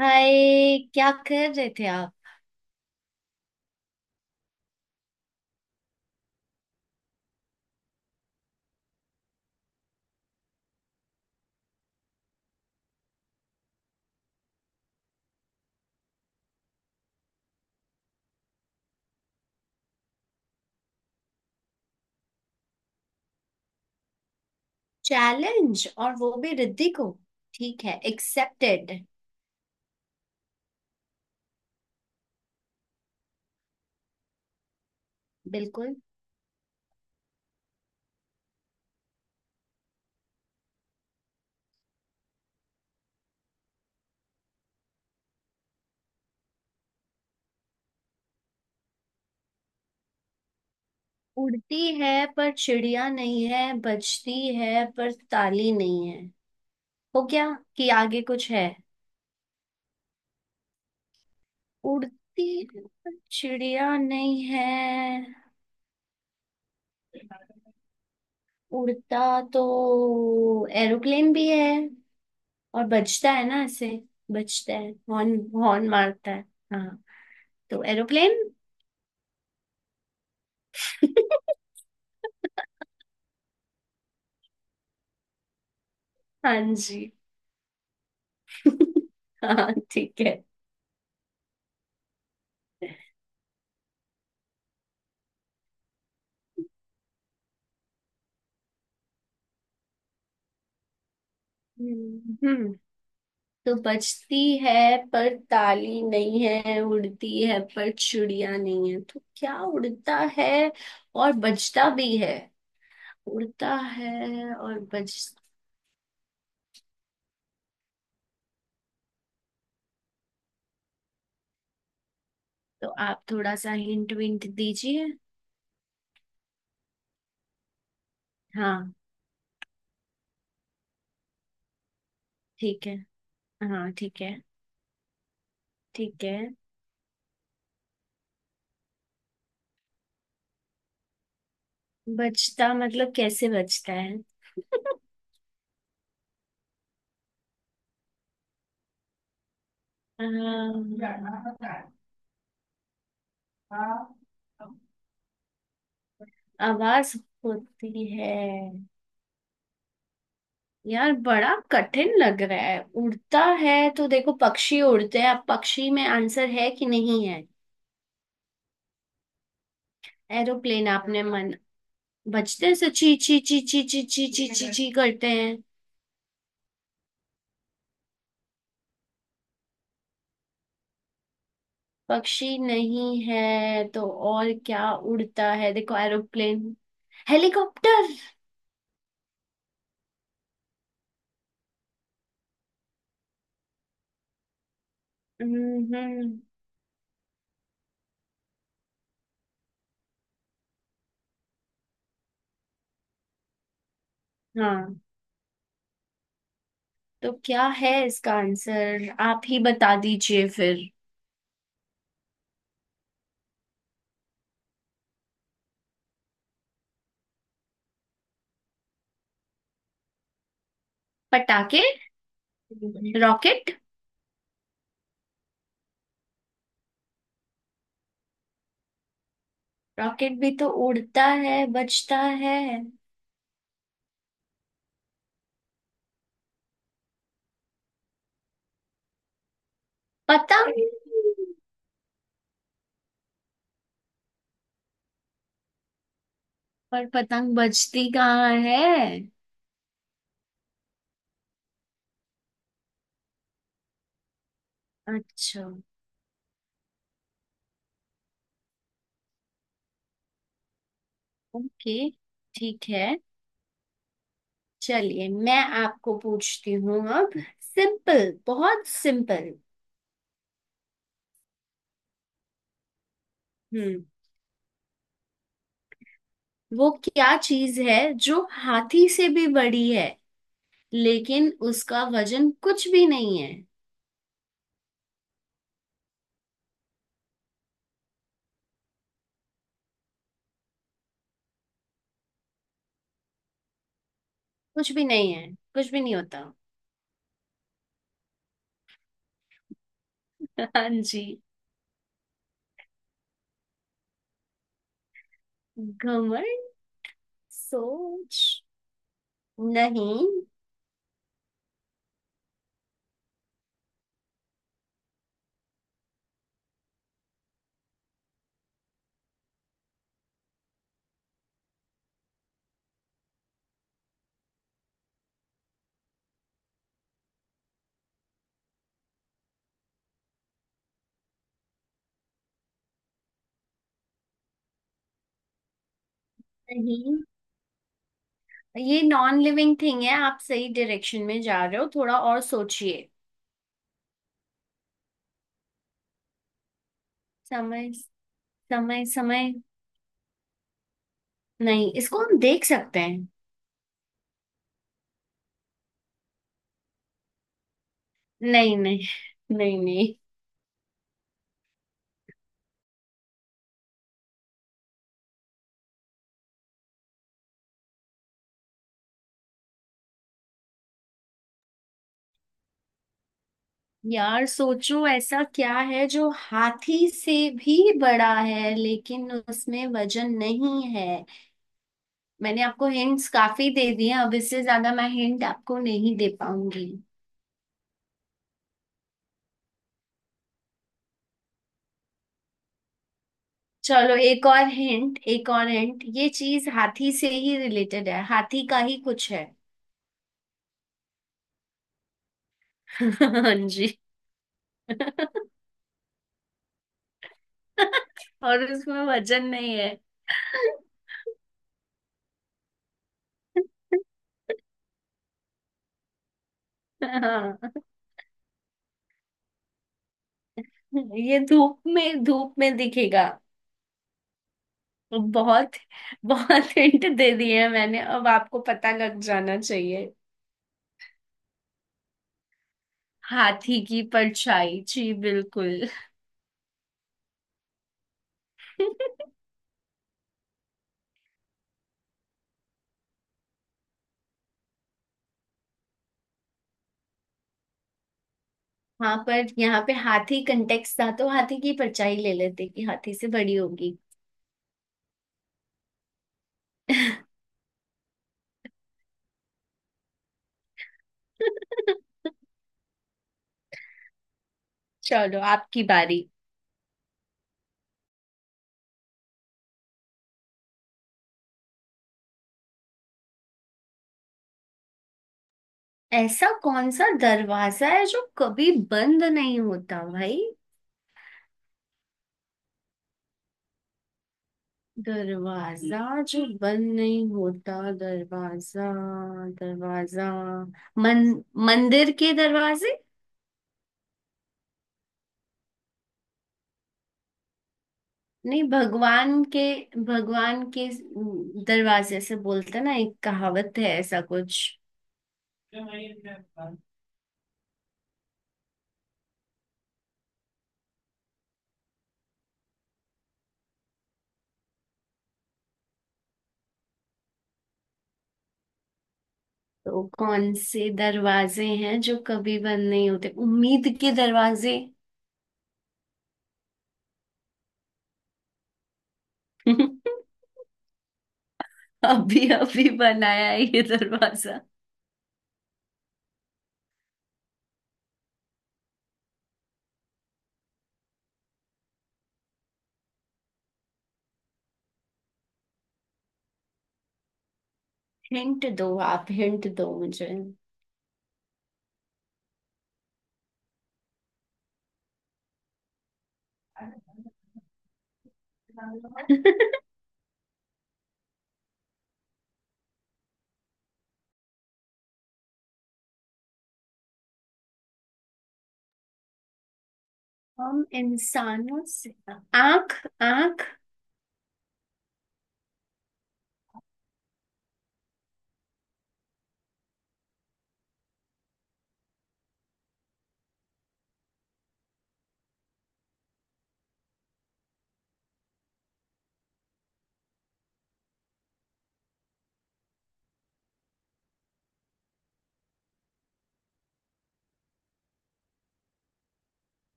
हाय, क्या कर रहे थे आप। चैलेंज और वो भी रिद्धि को। ठीक है, एक्सेप्टेड। बिल्कुल। उड़ती है पर चिड़िया नहीं है, बजती है पर ताली नहीं है। हो गया कि आगे कुछ है। उड़ती है पर चिड़िया नहीं है। उड़ता तो एरोप्लेन भी है, और बजता है ना ऐसे, बजता है हॉर्न। हॉर्न मारता है। हाँ, तो एरोप्लेन। हाँ जी। हाँ ठीक है। हम्म तो बजती है पर ताली नहीं है, उड़ती है पर चुड़िया नहीं है, तो क्या उड़ता है और बजता भी है। उड़ता है और बज। तो आप थोड़ा सा हिंट विंट दीजिए। हाँ ठीक है। हाँ ठीक है। ठीक है। बजता मतलब कैसे बजता है। हाँ, आवाज होती है। यार बड़ा कठिन लग रहा है। उड़ता है तो देखो पक्षी उड़ते हैं, अब पक्षी में आंसर है कि नहीं है। एरोप्लेन आपने मन। बजते हैं, से ची ची ची ची ची ची ची ची ची करते हैं। पक्षी नहीं है तो और क्या उड़ता है, देखो एरोप्लेन, हेलीकॉप्टर। हम्म। हाँ, तो क्या है इसका आंसर, आप ही बता दीजिए फिर। पटाखे। रॉकेट। रॉकेट भी तो उड़ता है, बजता है। पतंग। पर पतंग बजती कहाँ है। अच्छा। ओके। ठीक है। चलिए मैं आपको पूछती हूँ अब। सिंपल, बहुत सिंपल। हम्म वो क्या चीज है जो हाथी से भी बड़ी है, लेकिन उसका वजन कुछ भी नहीं है। कुछ भी नहीं है, कुछ भी नहीं होता। हाँ जी। घमंड। सोच। नहीं नहीं, ये नॉन लिविंग थिंग है, आप सही डायरेक्शन में जा रहे हो, थोड़ा और सोचिए। समय, समय, समय। नहीं, इसको हम देख सकते हैं। नहीं नहीं। नहीं नहीं। यार सोचो, ऐसा क्या है जो हाथी से भी बड़ा है, लेकिन उसमें वजन नहीं है। मैंने आपको हिंट्स काफी दे दिए हैं, अब इससे ज्यादा मैं हिंट आपको नहीं दे पाऊंगी। चलो एक और हिंट, एक और हिंट, ये चीज हाथी से ही रिलेटेड है, हाथी का ही कुछ है। हाँ जी। और उसमें वजन नहीं है। हाँ। ये धूप में, धूप में दिखेगा। बहुत बहुत हिंट दे दिए हैं मैंने, अब आपको पता लग जाना चाहिए। हाथी की परछाई जी, बिल्कुल। हाँ, पर यहाँ पे हाथी कंटेक्स्ट था, तो हाथी की परछाई ले लेते कि हाथी से बड़ी होगी। चलो आपकी बारी। ऐसा कौन सा दरवाजा है जो कभी बंद नहीं होता भाई। दरवाजा जो बंद नहीं होता। दरवाजा। दरवाजा। मन। मंदिर के दरवाजे। नहीं, भगवान के, भगवान के दरवाजे से बोलते ना, एक कहावत है ऐसा कुछ। तो कौन से दरवाजे हैं जो कभी बंद नहीं होते, उम्मीद के दरवाजे। अभी अभी बनाया है ये दरवाजा। हिंट दो आप, हिंट दो मुझे। हम इंसानों से। आंख, आंख।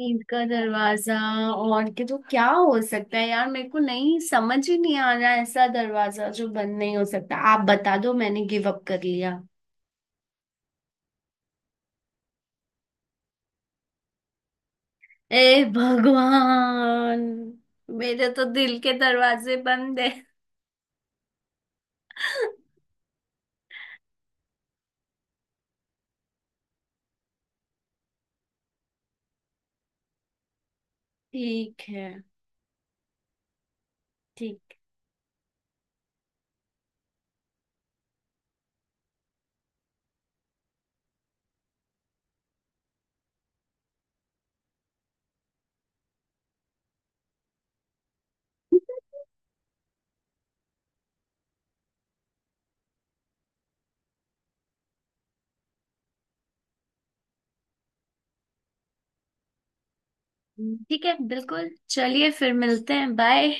ईंट का दरवाजा और के तो क्या हो सकता है यार, मेरे को नहीं, समझ ही नहीं आ रहा है। ऐसा दरवाजा जो बंद नहीं हो सकता, आप बता दो, मैंने गिव अप कर लिया। ए भगवान, मेरे तो दिल के दरवाजे बंद है। ठीक है। ठीक। ठीक है बिल्कुल, चलिए फिर मिलते हैं, बाय।